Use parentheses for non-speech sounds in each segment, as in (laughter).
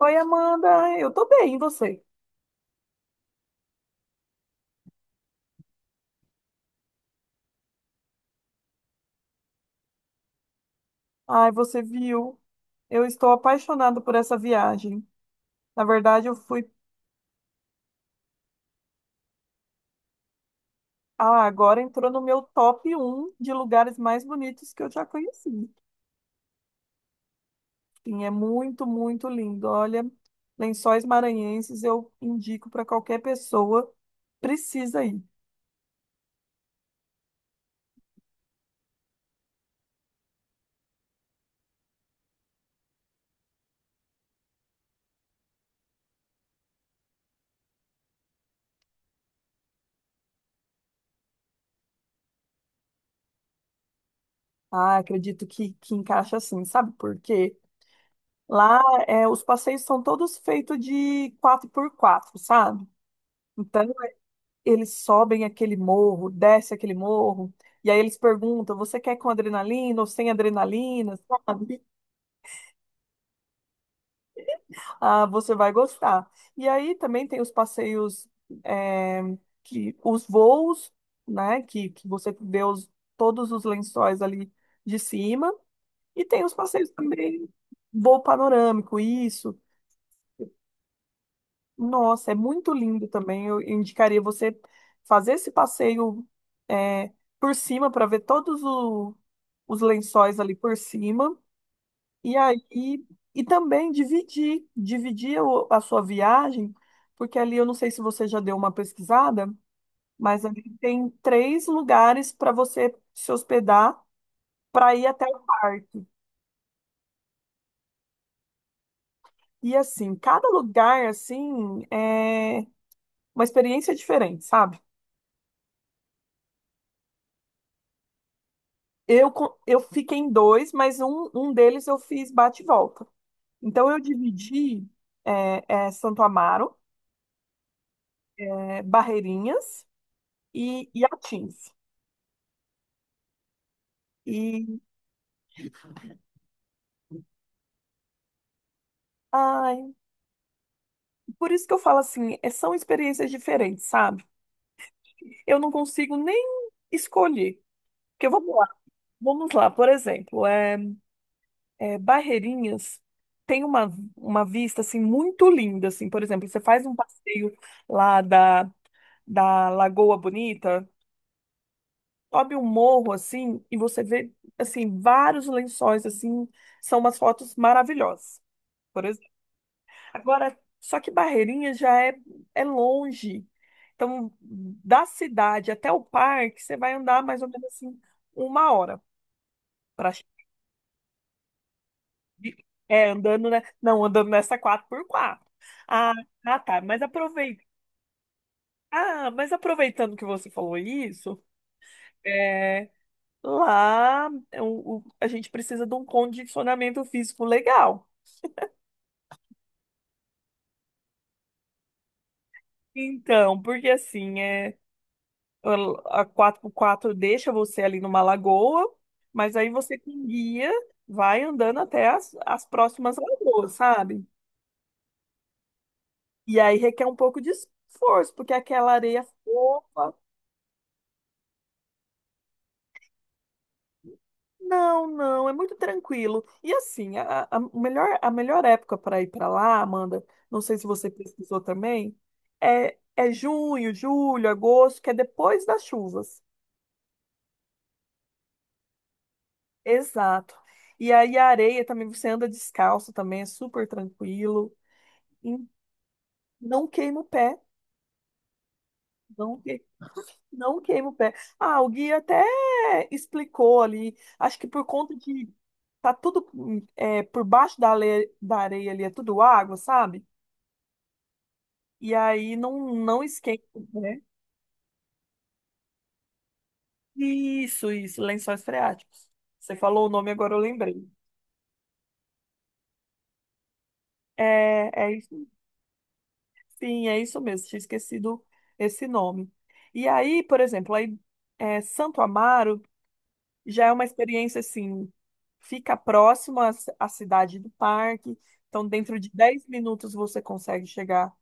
Oi, Amanda, eu tô bem, e você? Ai, você viu? Eu estou apaixonado por essa viagem. Na verdade, eu fui. Ah, agora entrou no meu top um de lugares mais bonitos que eu já conheci. Sim, é muito, muito lindo. Olha, Lençóis Maranhenses eu indico para qualquer pessoa. Precisa ir. Ah, acredito que encaixa assim, sabe por quê? Lá os passeios são todos feitos de quatro por quatro, sabe? Então, eles sobem aquele morro, desce aquele morro, e aí eles perguntam: você quer com adrenalina ou sem adrenalina, sabe? Ah, você vai gostar. E aí também tem os passeios, é, os voos, né? Que você vê todos os lençóis ali de cima. E tem os passeios também, voo panorâmico, isso. Nossa, é muito lindo também. Eu indicaria você fazer esse passeio, é, por cima para ver todos os lençóis ali por cima. E aí, e também dividir a sua viagem, porque ali eu não sei se você já deu uma pesquisada, mas ali tem três lugares para você se hospedar para ir até o parque. E assim, cada lugar assim é uma experiência diferente, sabe? Eu fiquei em dois, mas um deles eu fiz bate e volta. Então eu dividi Santo Amaro, Barreirinhas e Atins. E ai, por isso que eu falo assim, são experiências diferentes, sabe? Eu não consigo nem escolher. Porque vamos lá, por exemplo, Barreirinhas tem uma vista assim muito linda. Assim, por exemplo, você faz um passeio lá da Lagoa Bonita, sobe um morro assim e você vê assim vários lençóis assim, são umas fotos maravilhosas. Por exemplo. Agora, só que Barreirinha já é longe. Então, da cidade até o parque, você vai andar mais ou menos assim uma hora para andando, né? Não, andando nessa quatro por quatro. Ah, ah, tá, mas aproveita. Ah, mas aproveitando que você falou isso, é, Lá, a gente precisa de um condicionamento físico legal. Então, porque assim, a quatro por quatro deixa você ali numa lagoa, mas aí você com guia vai andando até as próximas lagoas, sabe? E aí requer um pouco de esforço, porque aquela areia é fofa. Não, não, é muito tranquilo. E assim, a melhor época para ir para lá, Amanda, não sei se você pesquisou também, junho, julho, agosto, que é depois das chuvas. Exato. E aí a areia também, você anda descalço também, é super tranquilo. E não queima o pé, não, não queima o pé. Ah, o guia até explicou ali, acho que por conta de. Tá tudo, por baixo da areia ali, é tudo água, sabe? E aí não esquenta, né? Isso, lençóis freáticos. Você falou o nome, agora eu lembrei. É, é isso, sim, é isso mesmo, tinha esquecido esse nome. E aí, por exemplo, Santo Amaro já é uma experiência assim, fica próximo à cidade do parque, então dentro de 10 minutos você consegue chegar,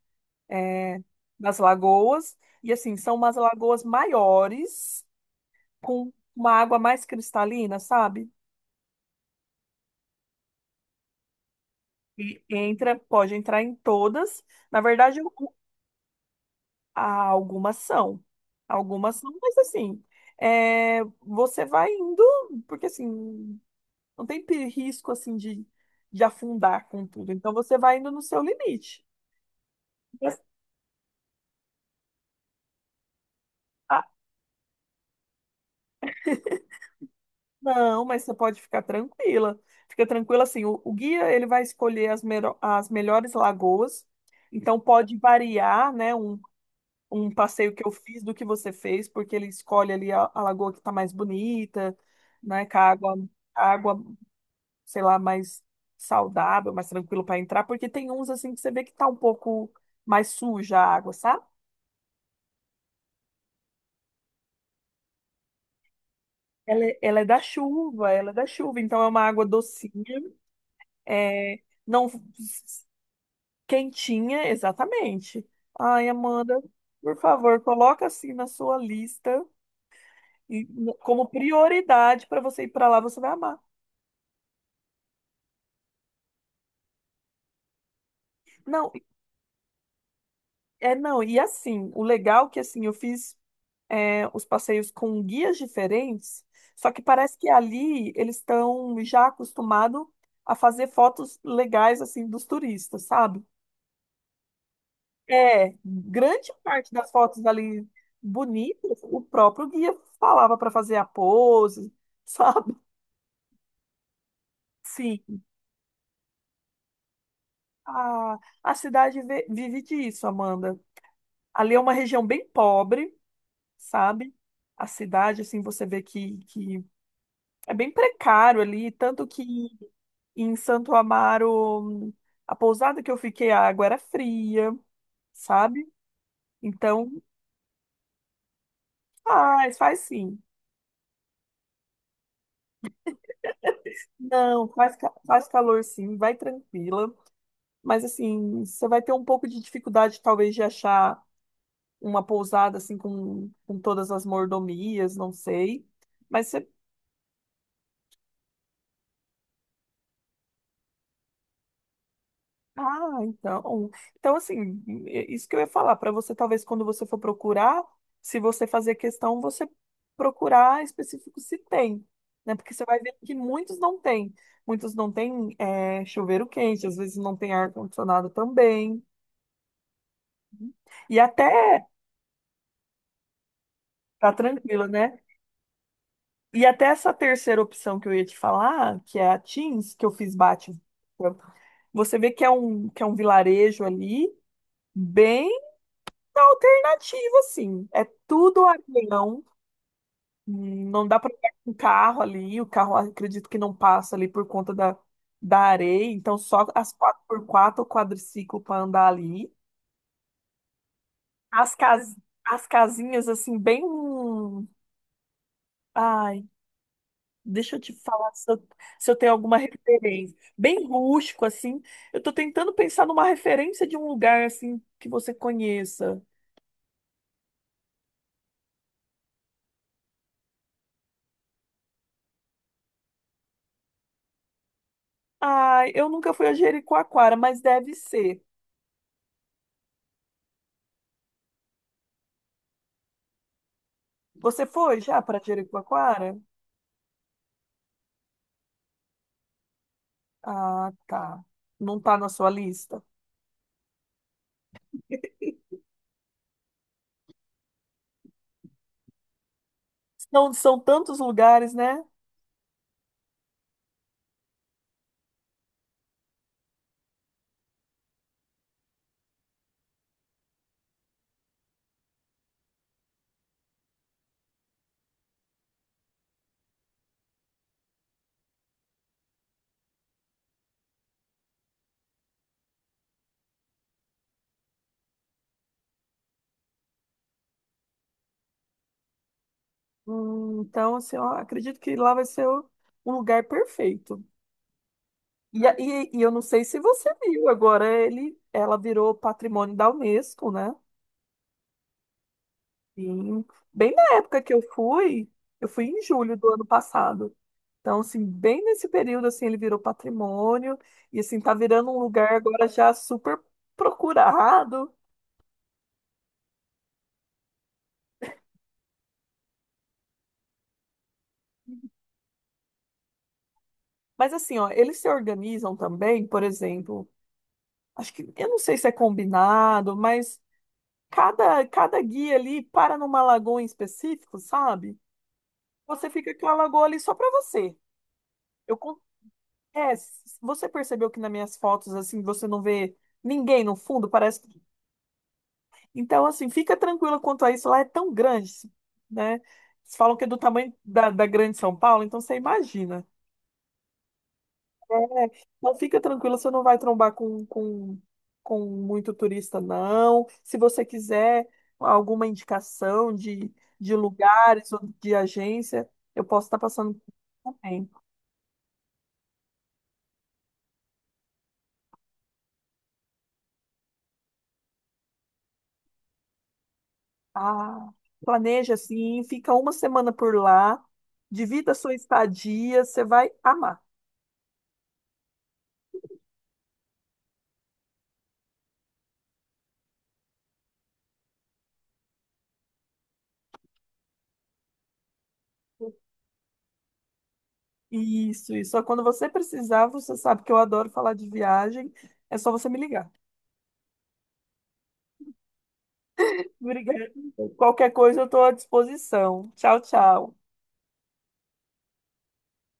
é, nas lagoas. E assim, são umas lagoas maiores, com uma água mais cristalina, sabe? E pode entrar em todas. Na verdade, há algumas são. Algumas são, mas assim, você vai indo, porque assim, não tem risco assim de afundar com tudo. Então você vai indo no seu limite. Mas- ah, não, mas você pode ficar tranquila. Fica tranquila assim, o guia ele vai escolher as melhores lagoas. Então pode variar, né? Um passeio que eu fiz do que você fez, porque ele escolhe ali a lagoa que está mais bonita, né, com a água, sei lá, mais saudável, mais tranquilo para entrar, porque tem uns assim que você vê que tá um pouco mais suja a água, sabe? Ela é da chuva, ela é da chuva, então é uma água docinha, é, não quentinha, exatamente. Ai, Amanda, por favor, coloca assim na sua lista e como prioridade para você ir para lá, você vai amar. Não, é, não, e assim, o legal é que assim, eu fiz os passeios com guias diferentes, só que parece que ali eles estão já acostumados a fazer fotos legais assim dos turistas, sabe? É, grande parte das fotos ali bonitas, o próprio guia falava para fazer a pose, (laughs) sabe? Sim, a cidade vive disso, Amanda. Ali é uma região bem pobre, sabe? A cidade, assim, você vê que é bem precário ali, tanto que em Santo Amaro, a pousada que eu fiquei, a água era fria, sabe? Então, faz, faz sim. Não, faz calor sim, vai tranquila. Mas assim, você vai ter um pouco de dificuldade, talvez, de achar uma pousada assim com todas as mordomias, não sei. Mas você, ah, então. Então, assim, é isso que eu ia falar, para você, talvez, quando você for procurar, se você fazer questão, você procurar específico se tem, né? Porque você vai ver que muitos não têm. Muitos não têm, chuveiro quente, às vezes não tem ar-condicionado também. E até, tá tranquilo, né? E até essa terceira opção que eu ia te falar, que é a Teams, que eu fiz bate. Você vê que é um vilarejo ali, bem. Na alternativa, sim. É tudo avião. Não dá para pegar um carro ali. O carro, acredito que não passa ali por conta da areia. Então, só as quatro por quatro ou quadriciclo para andar ali. As, cas, as casinhas, assim, bem. Ai, deixa eu te falar se eu, tenho alguma referência. Bem rústico, assim. Eu tô tentando pensar numa referência de um lugar, assim, que você conheça. Ai, eu nunca fui a Jericoacoara, mas deve ser. Você foi já para Jericoacoara? Ah, tá. Não tá na sua lista. São tantos lugares, né? Então, assim, eu acredito que lá vai ser um lugar perfeito. E eu não sei se você viu, agora ela virou patrimônio da Unesco, né? Sim. Bem na época que eu fui em julho do ano passado. Então, assim, bem nesse período, assim, ele virou patrimônio e, assim, tá virando um lugar agora já super procurado. Mas assim, ó, eles se organizam também, por exemplo, acho que, eu não sei se é combinado, mas cada guia ali para numa lagoa em específico, sabe? Você fica com a lagoa ali só para você. Eu, con- é, s- você percebeu que nas minhas fotos, assim, você não vê ninguém no fundo, parece que... Então, assim, fica tranquila quanto a isso, lá é tão grande, né? Eles falam que é do tamanho da Grande São Paulo, então você imagina. É, então fica tranquila, você não vai trombar com muito turista, não. Se você quiser alguma indicação de lugares ou de agência, eu posso estar passando também. Ah, planeja assim, fica uma semana por lá, divida a sua estadia, você vai amar. Isso, isso. Só quando você precisar, você sabe que eu adoro falar de viagem, é só você me ligar. (laughs) Obrigada. Qualquer coisa eu estou à disposição. Tchau, tchau.